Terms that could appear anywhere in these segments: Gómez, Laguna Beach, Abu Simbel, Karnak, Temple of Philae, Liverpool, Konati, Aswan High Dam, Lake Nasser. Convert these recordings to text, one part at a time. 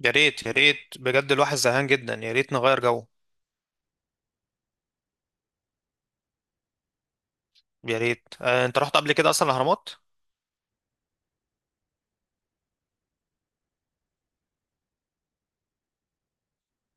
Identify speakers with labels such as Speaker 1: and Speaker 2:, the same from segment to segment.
Speaker 1: يا ريت يا ريت بجد الواحد زهقان جدا، يا ريت نغير جو. يا ريت. انت رحت قبل كده اصلا الاهرامات؟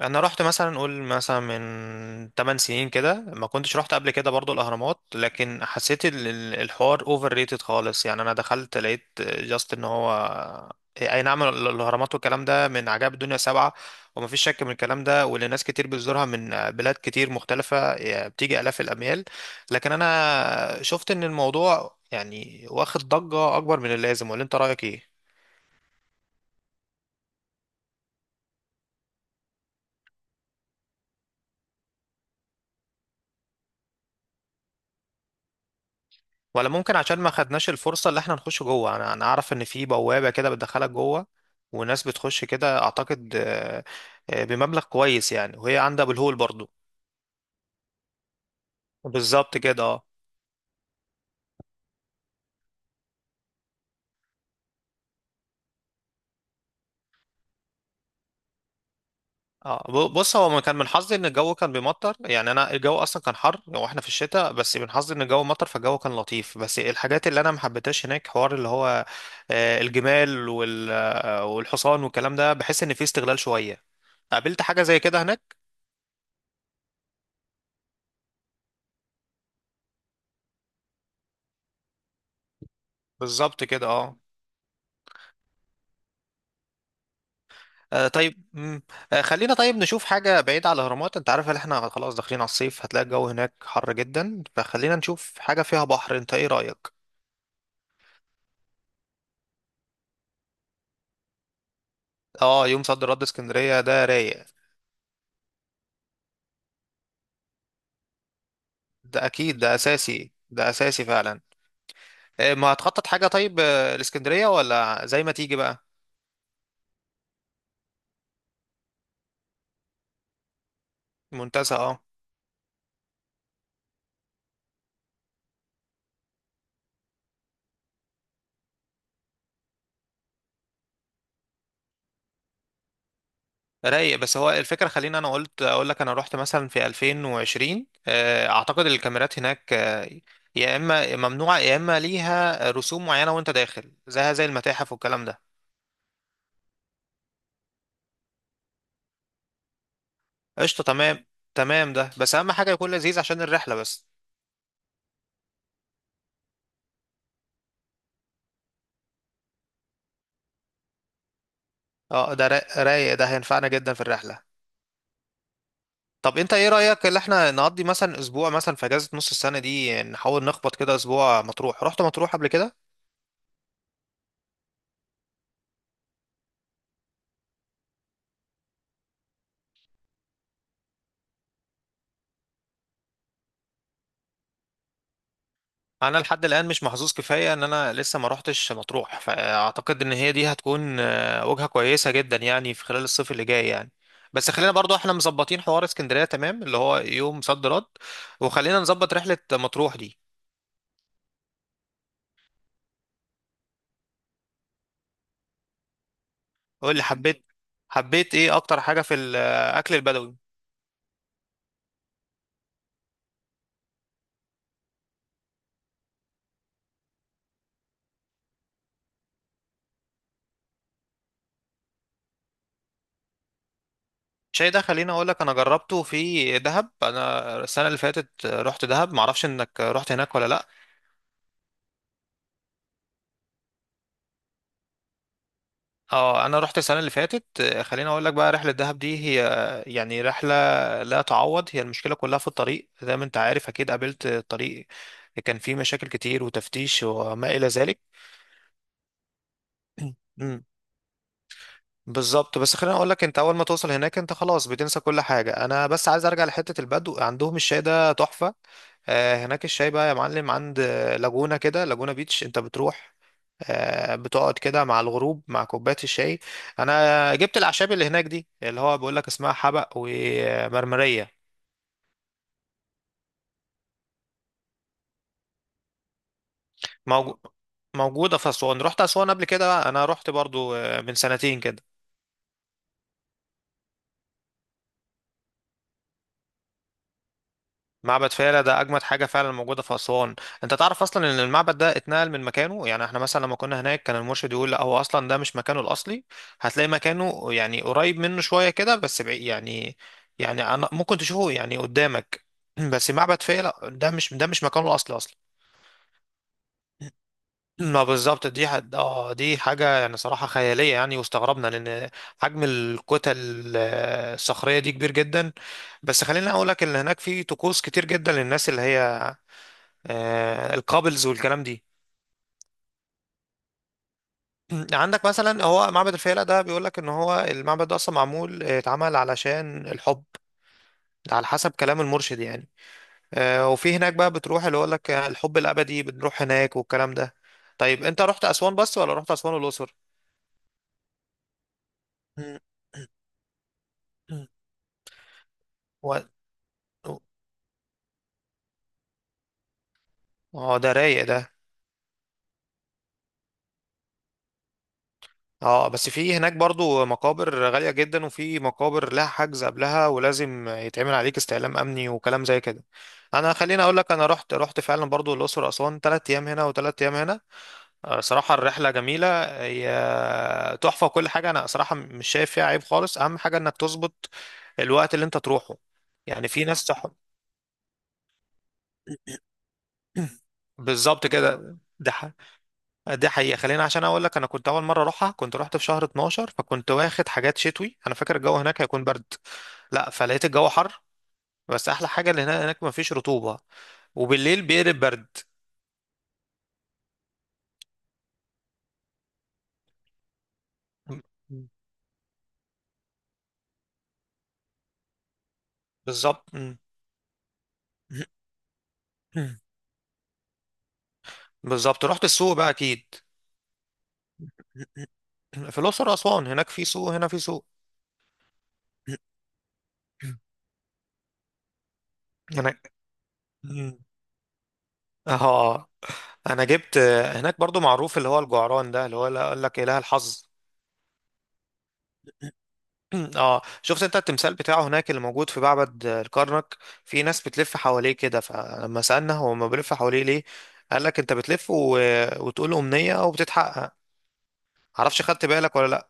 Speaker 1: انا رحت مثلا، قول مثلا من 8 سنين كده. ما كنتش رحت قبل كده برضو الاهرامات، لكن حسيت الحوار اوفر ريتد خالص. يعني انا دخلت لقيت جاست ان هو اي نعم، الاهرامات والكلام ده من عجائب الدنيا سبعة، وما فيش شك من الكلام ده، واللي ناس كتير بتزورها من بلاد كتير مختلفة، يعني بتيجي الاف الاميال. لكن انا شفت ان الموضوع يعني واخد ضجة اكبر من اللازم، ولا انت رايك ايه؟ ولا ممكن عشان ما خدناش الفرصة اللي احنا نخش جوه. انا اعرف ان في بوابة كده بتدخلك جوه، وناس بتخش كده اعتقد. آه. بمبلغ كويس يعني، وهي عندها بالهول برضو. بالظبط كده، اه. اه، بص هو كان من حظي ان الجو كان بيمطر. يعني انا الجو اصلا كان حر واحنا في الشتاء، بس من حظي ان الجو مطر، فالجو كان لطيف. بس الحاجات اللي انا ما حبيتهاش هناك حوار اللي هو الجمال والحصان والكلام ده، بحس ان فيه استغلال شوية. قابلت حاجة زي كده هناك؟ بالظبط كده، اه. آه طيب. آه خلينا طيب نشوف حاجة بعيدة على الأهرامات. أنت عارف إن إحنا خلاص داخلين على الصيف، هتلاقي الجو هناك حر جدا، فخلينا نشوف حاجة فيها بحر. أنت إيه رأيك؟ آه، يوم صد رد اسكندرية ده رايق. ده أكيد، ده أساسي، ده أساسي فعلا. آه، ما هتخطط حاجة طيب؟ الإسكندرية ولا زي ما تيجي بقى؟ منتزه، آه. رايق. بس هو الفكرة، خليني انا قلت اقول لك، انا رحت مثلا في 2020. اعتقد الكاميرات هناك يا اما ممنوعة يا اما ليها رسوم معينة، وانت داخل زيها زي المتاحف والكلام ده. قشطة، تمام. تمام ده، بس اهم حاجة يكون لذيذ عشان الرحلة بس. اه ده رايق، ده هينفعنا جدا في الرحلة. طب انت ايه رأيك اللي احنا نقضي مثلا اسبوع، مثلا في اجازة نص السنة دي، نحاول نخبط كده اسبوع مطروح. رحت مطروح قبل كده؟ انا لحد الان مش محظوظ كفايه ان انا لسه ما روحتش مطروح، فاعتقد ان هي دي هتكون وجهه كويسه جدا يعني في خلال الصيف اللي جاي يعني. بس خلينا برضو احنا مظبطين حوار اسكندريه، تمام، اللي هو يوم صد رد، وخلينا نظبط رحله مطروح دي. قول لي، حبيت؟ حبيت ايه اكتر حاجه في الاكل البدوي؟ شاي ده خليني اقول لك انا جربته في دهب. انا السنه اللي فاتت رحت دهب، معرفش انك رحت هناك ولا لا. اه انا رحت السنه اللي فاتت. خليني اقول لك بقى، رحله دهب دي هي يعني رحله لا تعوض. هي المشكله كلها في الطريق، زي ما انت عارف اكيد قابلت الطريق. كان فيه مشاكل كتير وتفتيش وما الى ذلك. بالظبط. بس خليني اقول لك، انت اول ما توصل هناك انت خلاص بتنسى كل حاجه. انا بس عايز ارجع لحته البدو، عندهم الشاي ده تحفه. هناك الشاي بقى يا معلم، عند لاجونا كده، لاجونا بيتش، انت بتروح بتقعد كده مع الغروب مع كوبايه الشاي. انا جبت الاعشاب اللي هناك دي، اللي هو بيقول لك اسمها حبق ومرمريه. موجو- موجوده في اسوان؟ رحت اسوان قبل كده؟ انا رحت برضو من سنتين كده. معبد فيلة ده أجمد حاجة فعلا موجودة في أسوان. أنت تعرف أصلا إن المعبد ده اتنقل من مكانه؟ يعني إحنا مثلا لما كنا هناك كان المرشد يقول لا هو أصلا ده مش مكانه الأصلي. هتلاقي مكانه يعني قريب منه شوية كده، بس بعيد يعني. يعني أنا ممكن تشوفه يعني قدامك. بس معبد فيلة ده مش مكانه الأصلي أصلا. ما بالظبط، دي حد اه دي حاجة يعني صراحة خيالية يعني، واستغربنا لأن حجم الكتل الصخرية دي كبير جدا. بس خليني أقول لك إن هناك في طقوس كتير جدا للناس اللي هي الكابلز والكلام دي. عندك مثلا هو معبد الفيلة ده بيقول لك ان هو المعبد ده اصلا معمول، اتعمل علشان الحب. ده على حسب كلام المرشد يعني. وفي هناك بقى بتروح، اللي يقول لك الحب الابدي بنروح هناك والكلام ده. طيب انت رحت اسوان بس ولا رحت اسوان والاقصر؟ و... اه ده رايق ده. اه، بس في هناك برضو مقابر غالية جدا، وفي مقابر لها حجز قبلها ولازم يتعمل عليك استعلام امني وكلام زي كده. انا خليني اقول لك، انا رحت فعلا برضو الاقصر واسوان، ثلاث ايام هنا وثلاث ايام هنا. صراحة الرحلة جميلة. هي تحفة وكل حاجة، انا صراحة مش شايف فيها عيب خالص. اهم حاجة انك تظبط الوقت اللي انت تروحه. يعني في ناس بالظبط كده. ده دي حقيقة. خلينا، عشان اقول لك، انا كنت اول مرة اروحها كنت رحت في شهر 12، فكنت واخد حاجات شتوي. انا فاكر الجو هناك هيكون برد، لا فلقيت الجو حر. بس احلى حاجة اللي هناك، هناك مفيش رطوبة، وبالليل بيقلب برد. م- م. بالظبط، م. بالظبط. رحت السوق بقى اكيد؟ في الاقصر واسوان، هناك في سوق، هنا في سوق. انا. م. اه، انا جبت. هناك برضو معروف اللي هو الجعران ده، اللي هو اللي قال لك اله الحظ. اه، شفت انت التمثال بتاعه هناك اللي موجود في معبد الكرنك؟ في ناس بتلف حواليه كده، فلما سألنا هو ما بيلف حواليه ليه، قال لك انت بتلف وتقول أمنية وبتتحقق. معرفش خدت بالك ولا لا.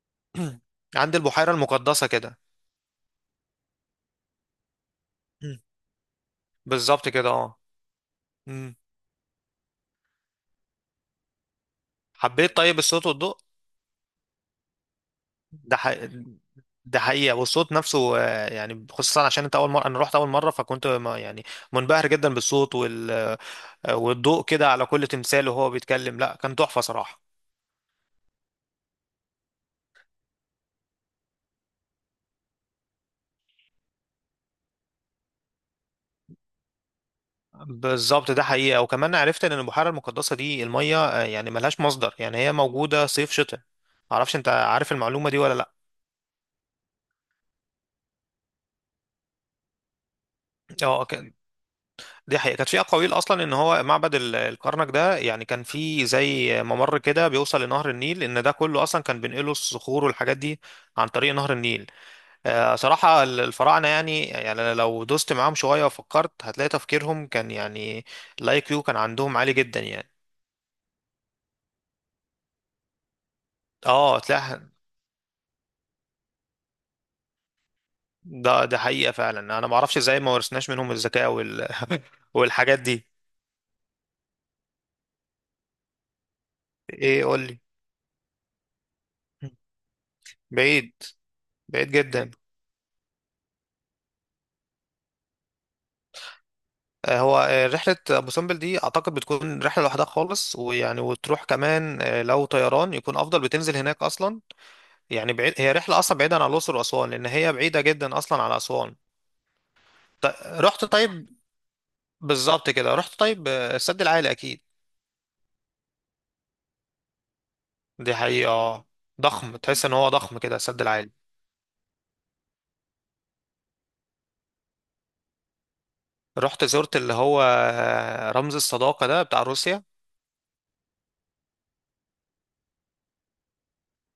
Speaker 1: عند البحيرة المقدسة كده. مم. بالظبط كده، اه. مم. حبيت طيب الصوت والضوء؟ ده ح... ده حقيقة. والصوت نفسه يعني خصوصا عشان انت اول مرة، انا رحت اول مرة فكنت يعني منبهر جدا بالصوت والضوء كده على كل تمثال وهو بيتكلم، لا كان تحفة صراحة. بالظبط. ده حقيقة. وكمان عرفت ان البحيرة المقدسة دي المية يعني ملهاش مصدر، يعني هي موجودة صيف شتاء. معرفش انت عارف المعلومة دي ولا لا. اه كان- دي حقيقة. كانت في اقاويل اصلا ان هو معبد الكرنك ده يعني كان في زي ممر كده بيوصل لنهر النيل، ان ده كله اصلا كان بينقلوا الصخور والحاجات دي عن طريق نهر النيل. صراحة الفراعنة، يعني يعني لو دوست معاهم شوية وفكرت هتلاقي تفكيرهم كان يعني الاي كيو كان عندهم عالي جدا يعني. اه تلاقي. ده حقيقة فعلا. انا ما اعرفش ازاي ما ورثناش منهم الذكاء والحاجات دي. ايه، قول لي. بعيد. بعيد جدا. هو رحلة أبو سمبل دي أعتقد بتكون رحلة لوحدها خالص، ويعني وتروح كمان لو طيران يكون أفضل، بتنزل هناك أصلا. يعني بعيد، هي رحلة أصلا بعيدة عن الأقصر وأسوان، لأن هي بعيدة جدا أصلا عن أسوان. رحت طيب. بالظبط كده. رحت طيب السد العالي أكيد؟ دي حقيقة. ضخم، تحس إن هو ضخم كده السد العالي. رحت زرت اللي هو رمز الصداقة ده بتاع روسيا؟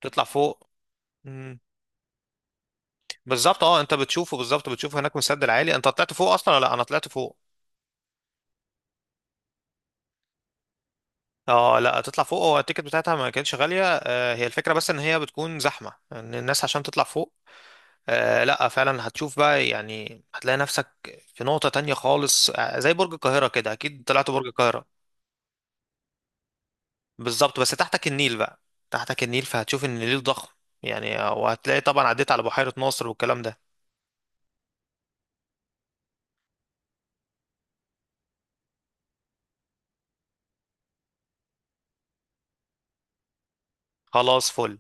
Speaker 1: تطلع فوق. مم. بالظبط، اه. انت بتشوفه بالظبط، بتشوفه هناك من السد العالي. انت طلعت فوق اصلا ولا لا؟ انا طلعت فوق. اه لا، تطلع فوق. هو التيكت بتاعتها ما كانتش غالية. آه، هي الفكرة بس ان هي بتكون زحمة ان الناس عشان تطلع فوق. آه لا، فعلا هتشوف بقى يعني، هتلاقي نفسك في نقطة تانية خالص. آه زي برج القاهرة كده، اكيد طلعت برج القاهرة. بالظبط، بس تحتك النيل بقى. تحتك النيل، فهتشوف ان النيل ضخم. يعني وهتلاقي طبعا عديت على بحيرة ناصر والكلام ده. خلاص، فل.